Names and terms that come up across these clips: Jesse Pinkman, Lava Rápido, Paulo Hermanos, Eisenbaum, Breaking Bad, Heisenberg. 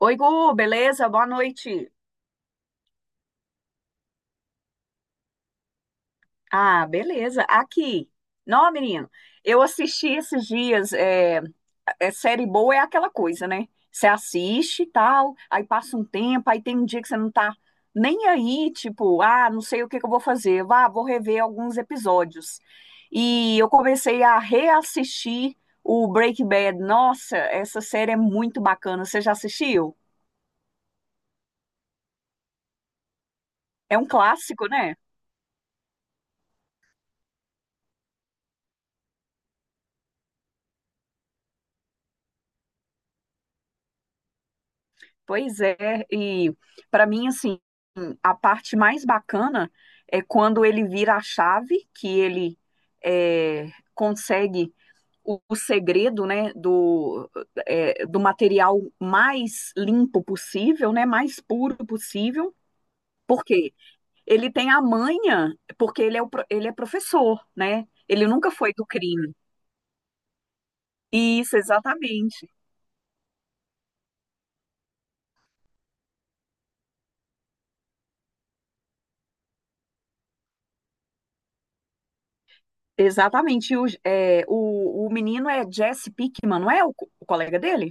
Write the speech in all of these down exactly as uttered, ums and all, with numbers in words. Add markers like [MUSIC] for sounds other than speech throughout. Oi, Gu, beleza? Boa noite. Ah, beleza. Aqui. Não, menino, eu assisti esses dias. É, é, série boa é aquela coisa, né? Você assiste e tal, aí passa um tempo, aí tem um dia que você não tá nem aí, tipo, ah, não sei o que que eu vou fazer. Vá, vou rever alguns episódios. E eu comecei a reassistir o Breaking Bad. Nossa, essa série é muito bacana. Você já assistiu? É um clássico, né? Pois é, e para mim, assim, a parte mais bacana é quando ele vira a chave, que ele é, consegue o, o segredo, né, do, é, do material mais limpo possível, né, mais puro possível. Por quê? Ele tem a manha, porque ele é, o, pro- ele é professor, né? Ele nunca foi do crime. Isso, exatamente. Exatamente. E O, é, o, o menino é Jesse Pinkman, não é o co- o colega dele?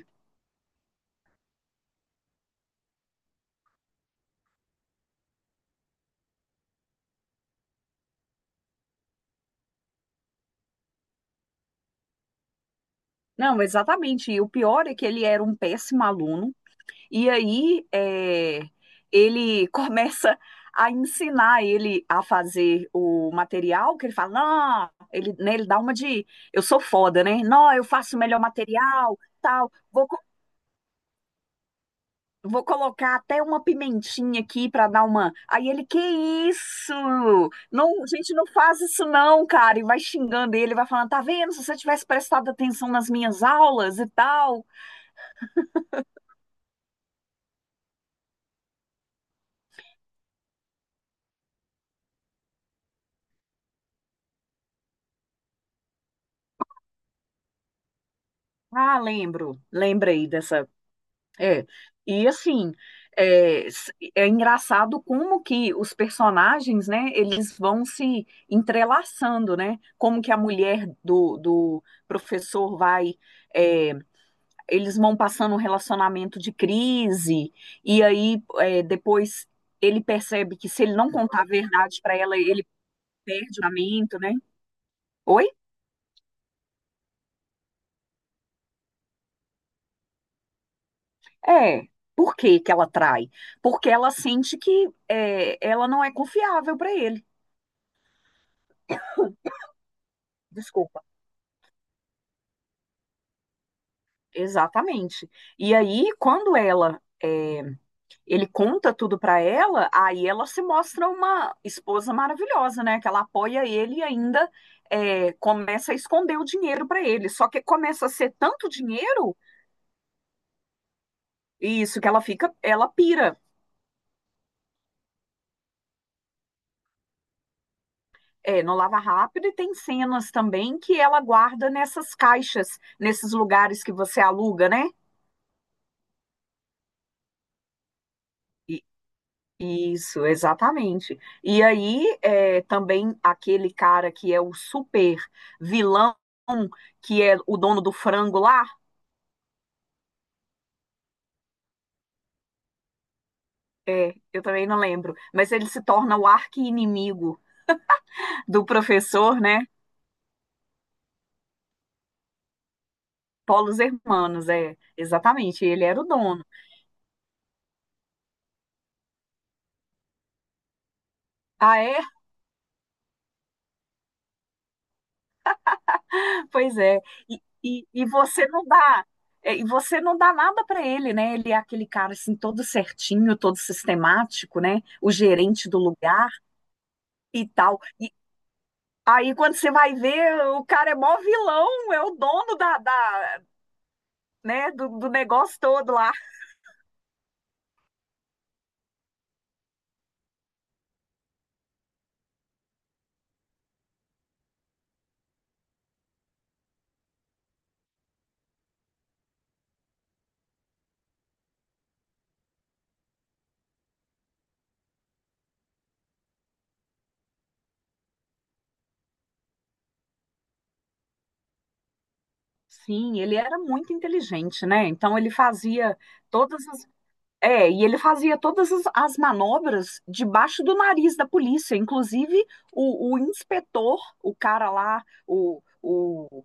Não, exatamente. E o pior é que ele era um péssimo aluno, e aí é, ele [LAUGHS] começa a ensinar ele a fazer o material, que ele fala, não, ele, né, ele dá uma de, eu sou foda, né? Não, eu faço o melhor material, tal, vou, co- vou colocar até uma pimentinha aqui para dar uma... Aí ele, que isso? Não, gente, não faz isso não, cara. E vai xingando ele, vai falando, tá vendo? Se você tivesse prestado atenção nas minhas aulas e tal... Ah, lembro, lembrei dessa. É. E assim, é, s- é engraçado como que os personagens, né, eles vão se entrelaçando, né? Como que a mulher do, do professor vai. É, eles vão passando um relacionamento de crise, e aí é, depois ele percebe que se ele não contar a verdade para ela, ele perde o casamento, né? Oi? É. Por que que ela trai? Porque ela sente que é, ela não é confiável para ele. Desculpa. Exatamente. E aí, quando ela é, ele conta tudo para ela, aí ela se mostra uma esposa maravilhosa, né? Que ela apoia ele e ainda é, começa a esconder o dinheiro para ele. Só que começa a ser tanto dinheiro, e isso que ela fica, ela pira. É, no Lava Rápido, e tem cenas também que ela guarda nessas caixas, nesses lugares que você aluga, né? E- Isso, exatamente. E aí, é, também aquele cara que é o super vilão, que é o dono do frango lá, é, eu também não lembro, mas ele se torna o arqui-inimigo do professor, né? Paulo Hermanos, é, exatamente, ele era o dono. Ah, é? Pois é, e, e, e você não dá, é, e você não dá nada para ele, né? Ele é aquele cara assim todo certinho, todo sistemático, né? O gerente do lugar e tal. E aí quando você vai ver, o cara é mó vilão, é o dono da, da, né, do, do negócio todo lá. Sim, ele era muito inteligente, né? Então ele fazia todas as... É, e ele fazia todas as, as manobras debaixo do nariz da polícia, inclusive o, o inspetor, o cara lá, o, o,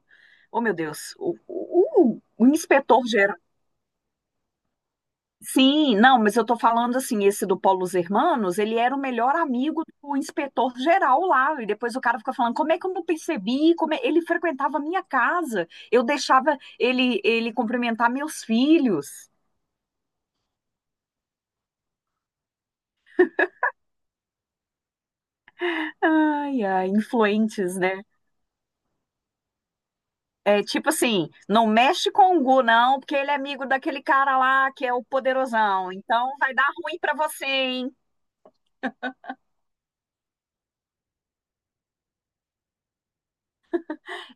oh meu Deus, o, o, o- o inspetor geral. Sim, não, mas eu tô falando assim, esse do Paulo Hermanos, ele era o melhor amigo do inspetor geral lá, e depois o cara fica falando, como é que eu não percebi, como é- ele frequentava a minha casa, eu deixava ele, ele cumprimentar meus filhos. Ai, ai, influentes, né? É tipo assim, não mexe com o Gu, não, porque ele é amigo daquele cara lá que é o poderosão. Então vai dar ruim pra você, hein?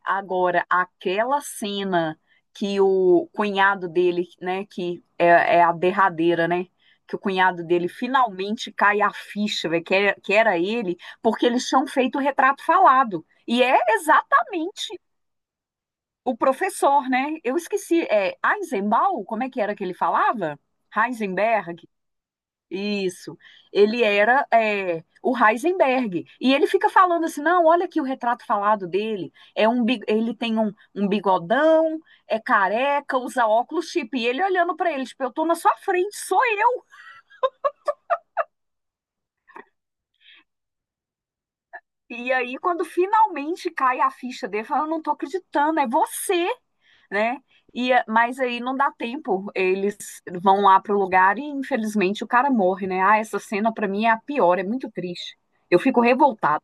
Agora, aquela cena que o cunhado dele, né, que é, é a derradeira, né? Que o cunhado dele finalmente cai a ficha, velho, que, é- que era ele, porque eles tinham feito o retrato falado. E é exatamente o professor, né? Eu esqueci, é Eisenbaum? Como é que era que ele falava? Heisenberg? Isso. Ele era é, o Heisenberg. E ele fica falando assim: não, olha aqui o retrato falado dele. É um, bi- ele tem um, um bigodão, é careca, usa óculos chip. E ele olhando pra ele, tipo, eu tô na sua frente, sou eu. E aí, quando finalmente cai a ficha dele, fala: eu não tô acreditando, é você, né? E, é, mas aí não dá tempo. Eles vão lá pro lugar e, infelizmente, o cara morre, né? Ah, essa cena pra mim é a pior, é muito triste. Eu fico revoltada.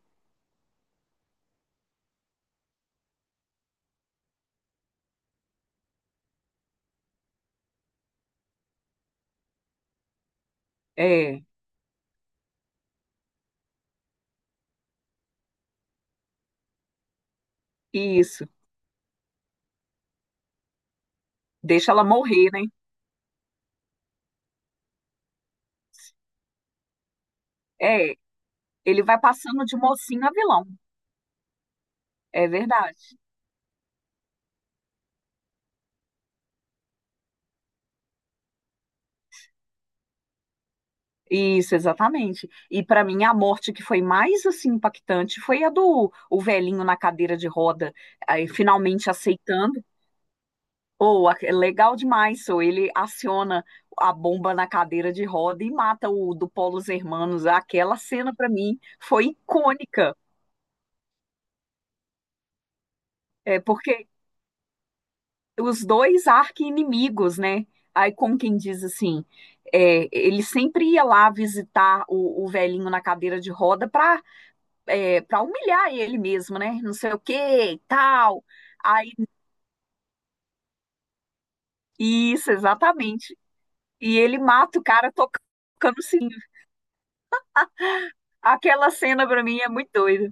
É. Isso, deixa ela morrer, né? É, ele vai passando de mocinho a vilão, é verdade. Isso, exatamente. E pra mim a morte que foi mais assim impactante foi a do o velhinho na cadeira de roda, aí, finalmente aceitando. Ou é legal demais, so, ele aciona a bomba na cadeira de roda e mata o do Polo Hermanos. Aquela cena pra mim foi icônica, é porque os dois arqui-inimigos, né? Aí, como quem diz assim, é, ele sempre ia lá visitar o, o velhinho na cadeira de roda para para humilhar ele mesmo, né? Não sei o que e tal. Aí, isso, exatamente. E ele mata o cara tocando o sininho. Aquela cena pra mim é muito doida.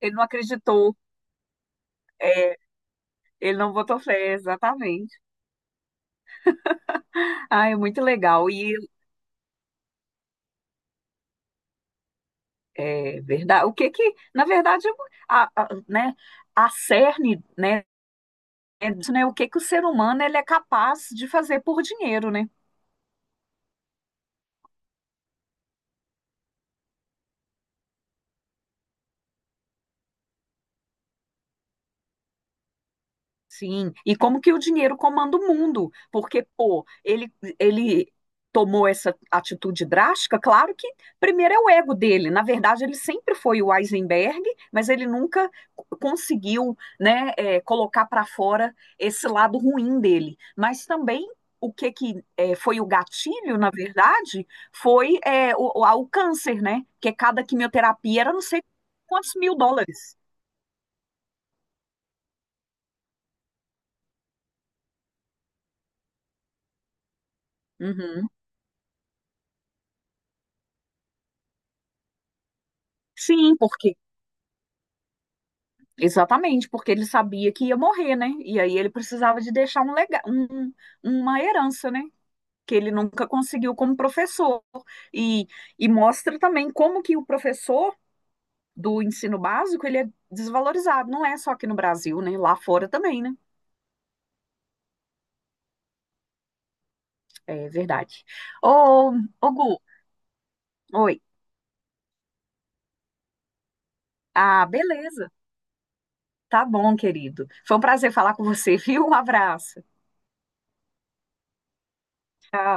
Ele não acreditou, é, ele não botou fé, exatamente. Ah, é muito legal. E é verdade. O que que, na verdade, a, a- né, a cerne, né? É disso, né, o que que o ser humano ele é capaz de fazer por dinheiro, né? Sim, e como que o dinheiro comanda o mundo? Porque, pô, ele, ele tomou essa atitude drástica, claro que primeiro é o ego dele. Na verdade, ele sempre foi o Eisenberg, mas ele nunca co- conseguiu, né, é, colocar para fora esse lado ruim dele. Mas também o que que é, foi o gatilho, na verdade, foi é, o, o, ah, o câncer, né? Porque cada quimioterapia era não sei quantos mil dólares. Uhum. Sim, porque Exatamente, porque ele sabia que ia morrer, né? E aí ele precisava de deixar um lega, um- uma herança, né? Que ele nunca conseguiu como professor. E, e mostra também como que o professor do ensino básico, ele é desvalorizado. Não é só aqui no Brasil, né? Lá fora também, né? É verdade. Ô, ô Gu, oi. Ah, beleza. Tá bom, querido. Foi um prazer falar com você, [LAUGHS] viu? Um abraço. Tchau.